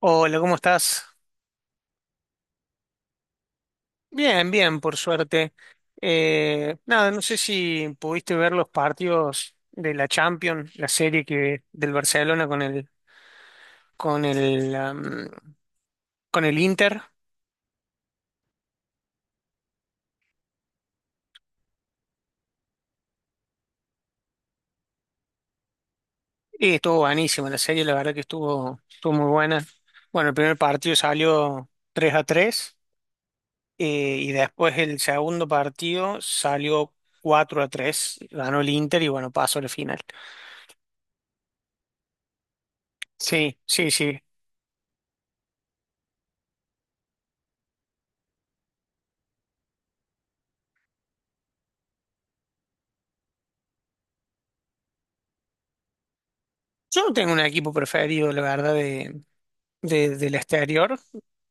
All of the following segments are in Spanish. Hola, ¿cómo estás? Bien, bien, por suerte. Nada, no sé si pudiste ver los partidos de la Champions, la serie que del Barcelona con el con el Inter. Y estuvo buenísima la serie, la verdad que estuvo muy buena. Bueno, el primer partido salió 3 a 3 y después el segundo partido salió 4 a 3. Ganó el Inter y bueno, pasó a la final. Sí, sí, sí. Yo no tengo un equipo preferido, la verdad, del exterior.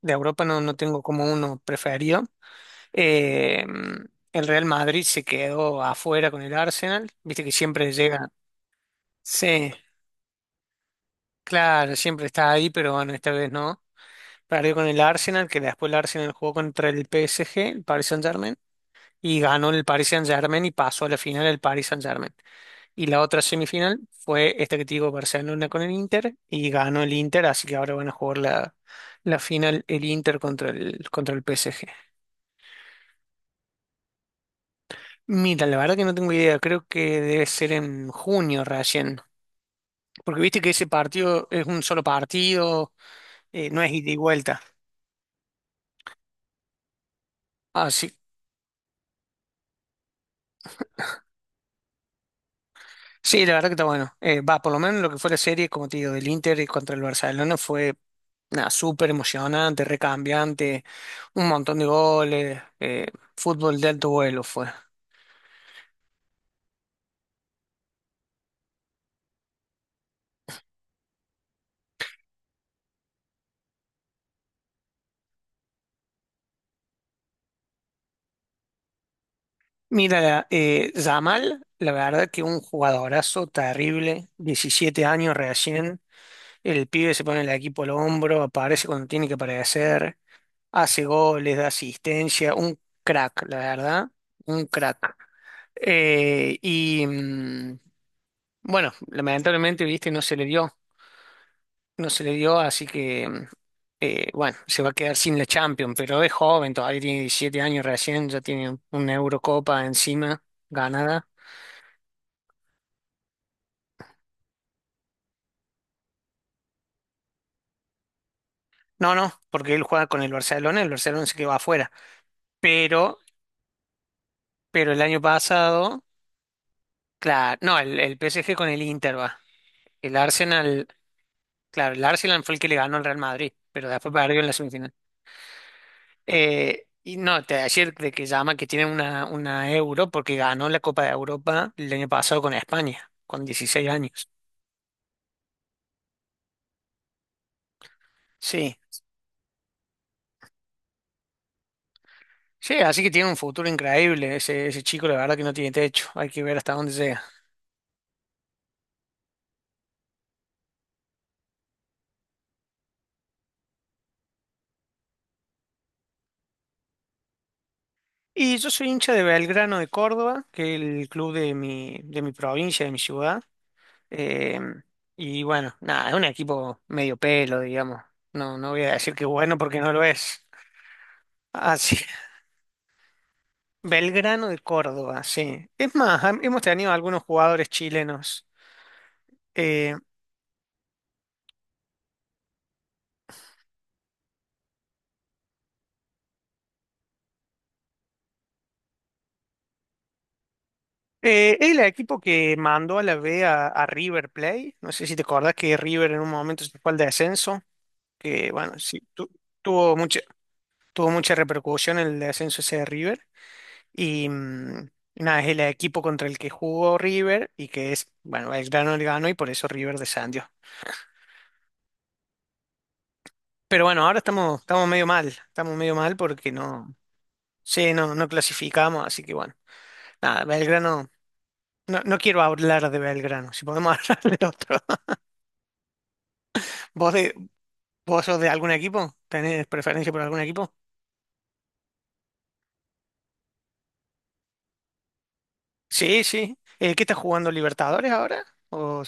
De Europa no, no tengo como uno preferido. Eh, el Real Madrid se quedó afuera con el Arsenal. Viste que siempre llega. Sí, claro, siempre está ahí, pero bueno, esta vez no. Perdió con el Arsenal, que después el Arsenal jugó contra el PSG, el Paris Saint-Germain, y ganó el Paris Saint-Germain y pasó a la final el Paris Saint-Germain. Y la otra semifinal fue esta que te digo, Barcelona con el Inter, y ganó el Inter, así que ahora van a jugar la final el Inter contra el PSG. Mira, la verdad que no tengo idea, creo que debe ser en junio recién, porque viste que ese partido es un solo partido, no es ida y vuelta. Así sí, la verdad que está bueno. Va, por lo menos lo que fue la serie, como te digo, del Inter y contra el Barcelona fue nada, súper emocionante, recambiante, un montón de goles, fútbol de alto vuelo fue. Mira, Yamal, la verdad que un jugadorazo terrible, 17 años recién, el pibe se pone el equipo al hombro, aparece cuando tiene que aparecer, hace goles, da asistencia, un crack, la verdad, un crack. Eh, y... mm, Bueno, lamentablemente, viste, no se le dio, no se le dio, así que, bueno, se va a quedar sin la Champions, pero es joven, todavía tiene 17 años recién, ya tiene una Eurocopa encima ganada. No, no, porque él juega con el Barcelona se quedó afuera, pero, pero el año pasado, claro, no, el PSG con el Inter va, el Arsenal, claro, el Arsenal fue el que le ganó al Real Madrid, pero después perdió en la semifinal. Y no, te ayer de que llama que tiene una euro porque ganó la Copa de Europa el año pasado con España, con 16 años. Sí, sí, así que tiene un futuro increíble ese, ese chico, la verdad que no tiene techo, hay que ver hasta dónde llega. Y yo soy hincha de Belgrano de Córdoba, que es el club de mi provincia, de mi ciudad. Eh, y bueno, nada, es un equipo medio pelo, digamos. No, no voy a decir que bueno porque no lo es. Así Belgrano de Córdoba, sí. Es más, hemos tenido algunos jugadores chilenos. Eh, el equipo que mandó a la B a River Plate, no sé si te acordás que River en un momento se fue al descenso, que bueno, sí, tuvo mucha, tuvo mucha repercusión el descenso ese de River. Y nada, es el equipo contra el que jugó River y que es, bueno, Belgrano le ganó y por eso River descendió. Pero bueno, ahora estamos, estamos medio mal porque no, sí, no, no clasificamos, así que bueno. Ah, Belgrano. No, no quiero hablar de Belgrano. Si podemos hablar de otro. ¿Vos, de, vos sos de algún equipo? ¿Tenés preferencia por algún equipo? Sí, sí. ¿Qué está jugando Libertadores ahora? ¿O-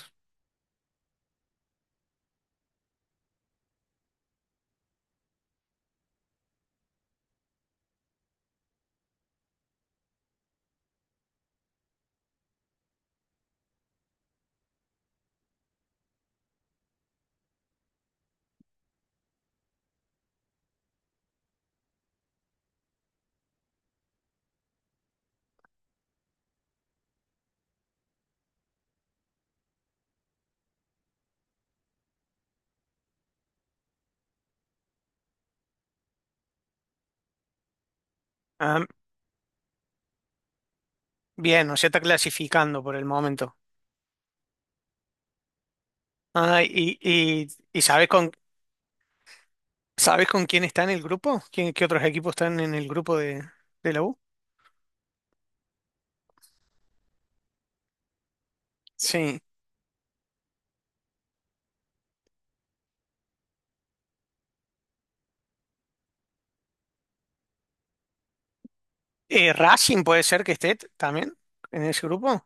ah, bien, o sea, está clasificando por el momento. Ah, y, y, y ¿sabes sabes con quién está en el grupo? ¿Quién, qué otros equipos están en el grupo de la U? Sí. Racing puede ser que esté también en ese grupo.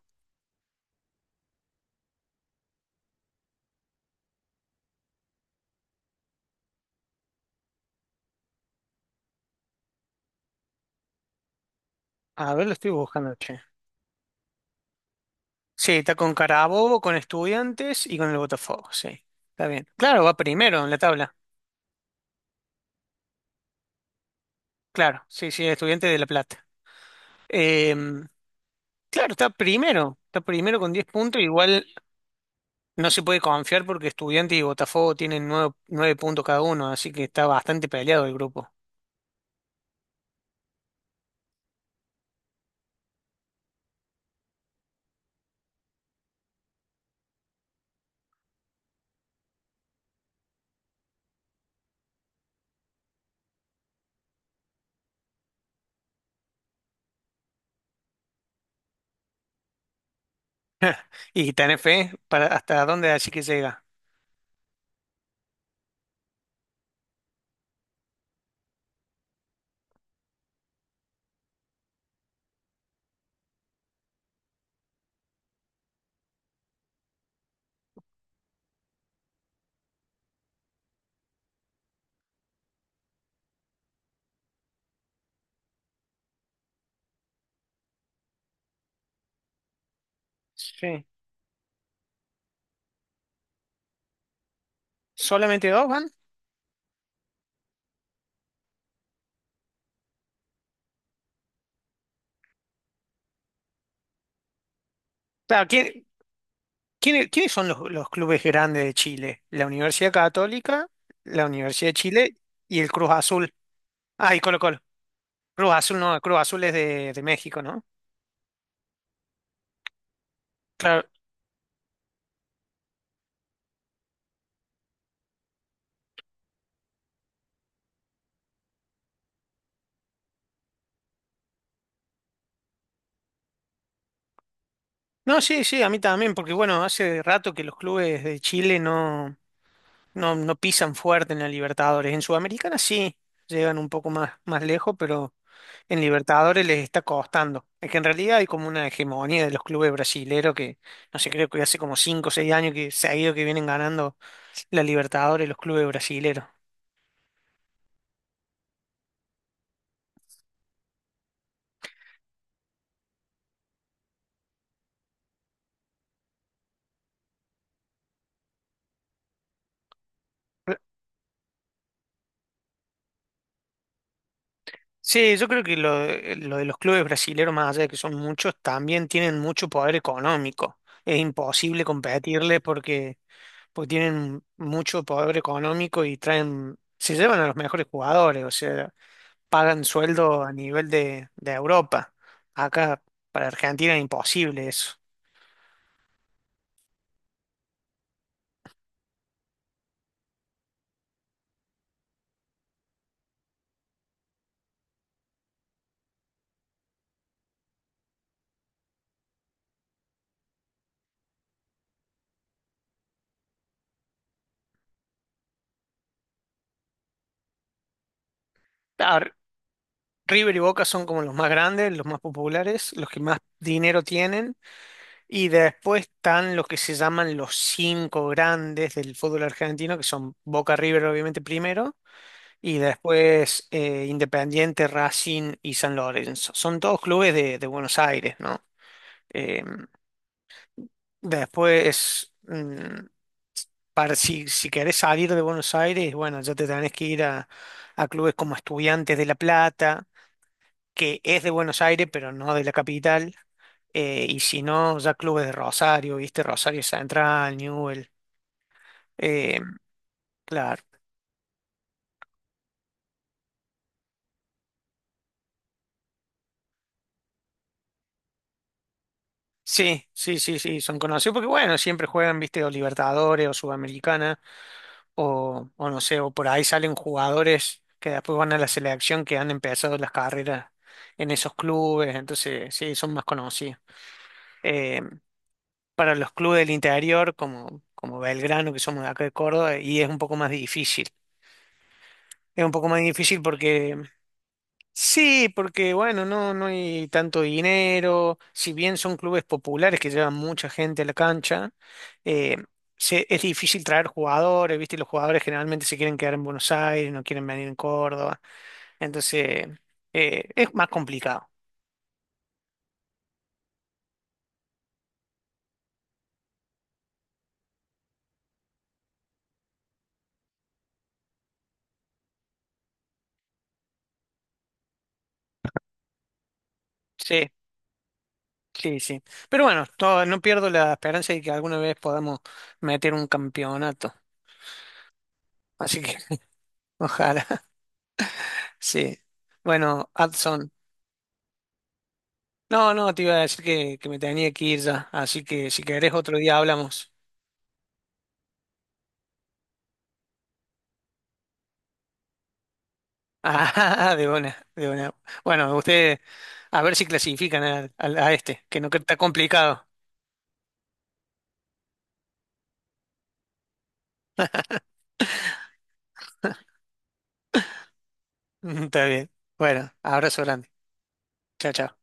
A ver, lo estoy buscando, che. Sí, está con Carabobo, con Estudiantes y con el Botafogo, sí. Está bien. Claro, va primero en la tabla. Claro, sí, sí, Estudiantes de La Plata. Em, claro, está primero. Está primero con 10 puntos. Igual no se puede confiar porque Estudiantes y Botafogo tienen nueve puntos cada uno, así que está bastante peleado el grupo. ¿Y tenés fe para hasta dónde así que llega? Sí. ¿Solamente dos van? Claro, ¿quiénes son los clubes grandes de Chile? La Universidad Católica, la Universidad de Chile y el Cruz Azul. Ah, y Colo Colo. Cruz Azul no, Cruz Azul es de México, ¿no? Claro. No, sí, sí, a mí también, porque bueno, hace rato que los clubes de Chile no pisan fuerte en la Libertadores. En Sudamericana sí, llegan un poco más, más lejos, pero en Libertadores les está costando. Es que en realidad hay como una hegemonía de los clubes brasileros que, no sé, creo que hace como 5 o 6 años que se ha ido que vienen ganando la Libertadores los clubes brasileros. Sí, yo creo que lo de los clubes brasileros, más allá de que son muchos, también tienen mucho poder económico. Es imposible competirle porque, porque tienen mucho poder económico y traen, se llevan a los mejores jugadores, o sea, pagan sueldo a nivel de Europa. Acá para Argentina es imposible eso. Ah, River y Boca son como los más grandes, los más populares, los que más dinero tienen. Y después están los que se llaman los cinco grandes del fútbol argentino, que son Boca River, obviamente, primero, y después Independiente, Racing y San Lorenzo. Son todos clubes de Buenos Aires, ¿no? Eh, después, mm, si, si querés salir de Buenos Aires, bueno, ya te tenés que ir a clubes como Estudiantes de La Plata, que es de Buenos Aires, pero no de la capital. Y si no, ya clubes de Rosario, ¿viste? Rosario Central, Eh, claro. Sí, sí, sí, sí, son conocidos porque bueno, siempre juegan, viste, o Libertadores o Sudamericana o no sé, o por ahí salen jugadores que después van a la selección que han empezado las carreras en esos clubes, entonces sí, son más conocidos. Eh, para los clubes del interior, como, como Belgrano, que somos de acá de Córdoba, y es un poco más difícil. Es un poco más difícil porque sí, porque bueno, no, no hay tanto dinero, si bien son clubes populares que llevan mucha gente a la cancha, eh, es difícil traer jugadores, ¿viste? Los jugadores generalmente se quieren quedar en Buenos Aires, no quieren venir en Córdoba, entonces es más complicado. Sí, sí, sí. Pero bueno, no pierdo la esperanza de que alguna vez podamos meter un campeonato, así que ojalá, sí. Bueno, Adson. No, no, te iba a decir que me tenía que ir ya, así que si querés otro día hablamos. Ah, de una, de una. Bueno, ustedes a ver si clasifican a que no que está complicado. Está bien. Bueno, abrazo grande. Chao, chao.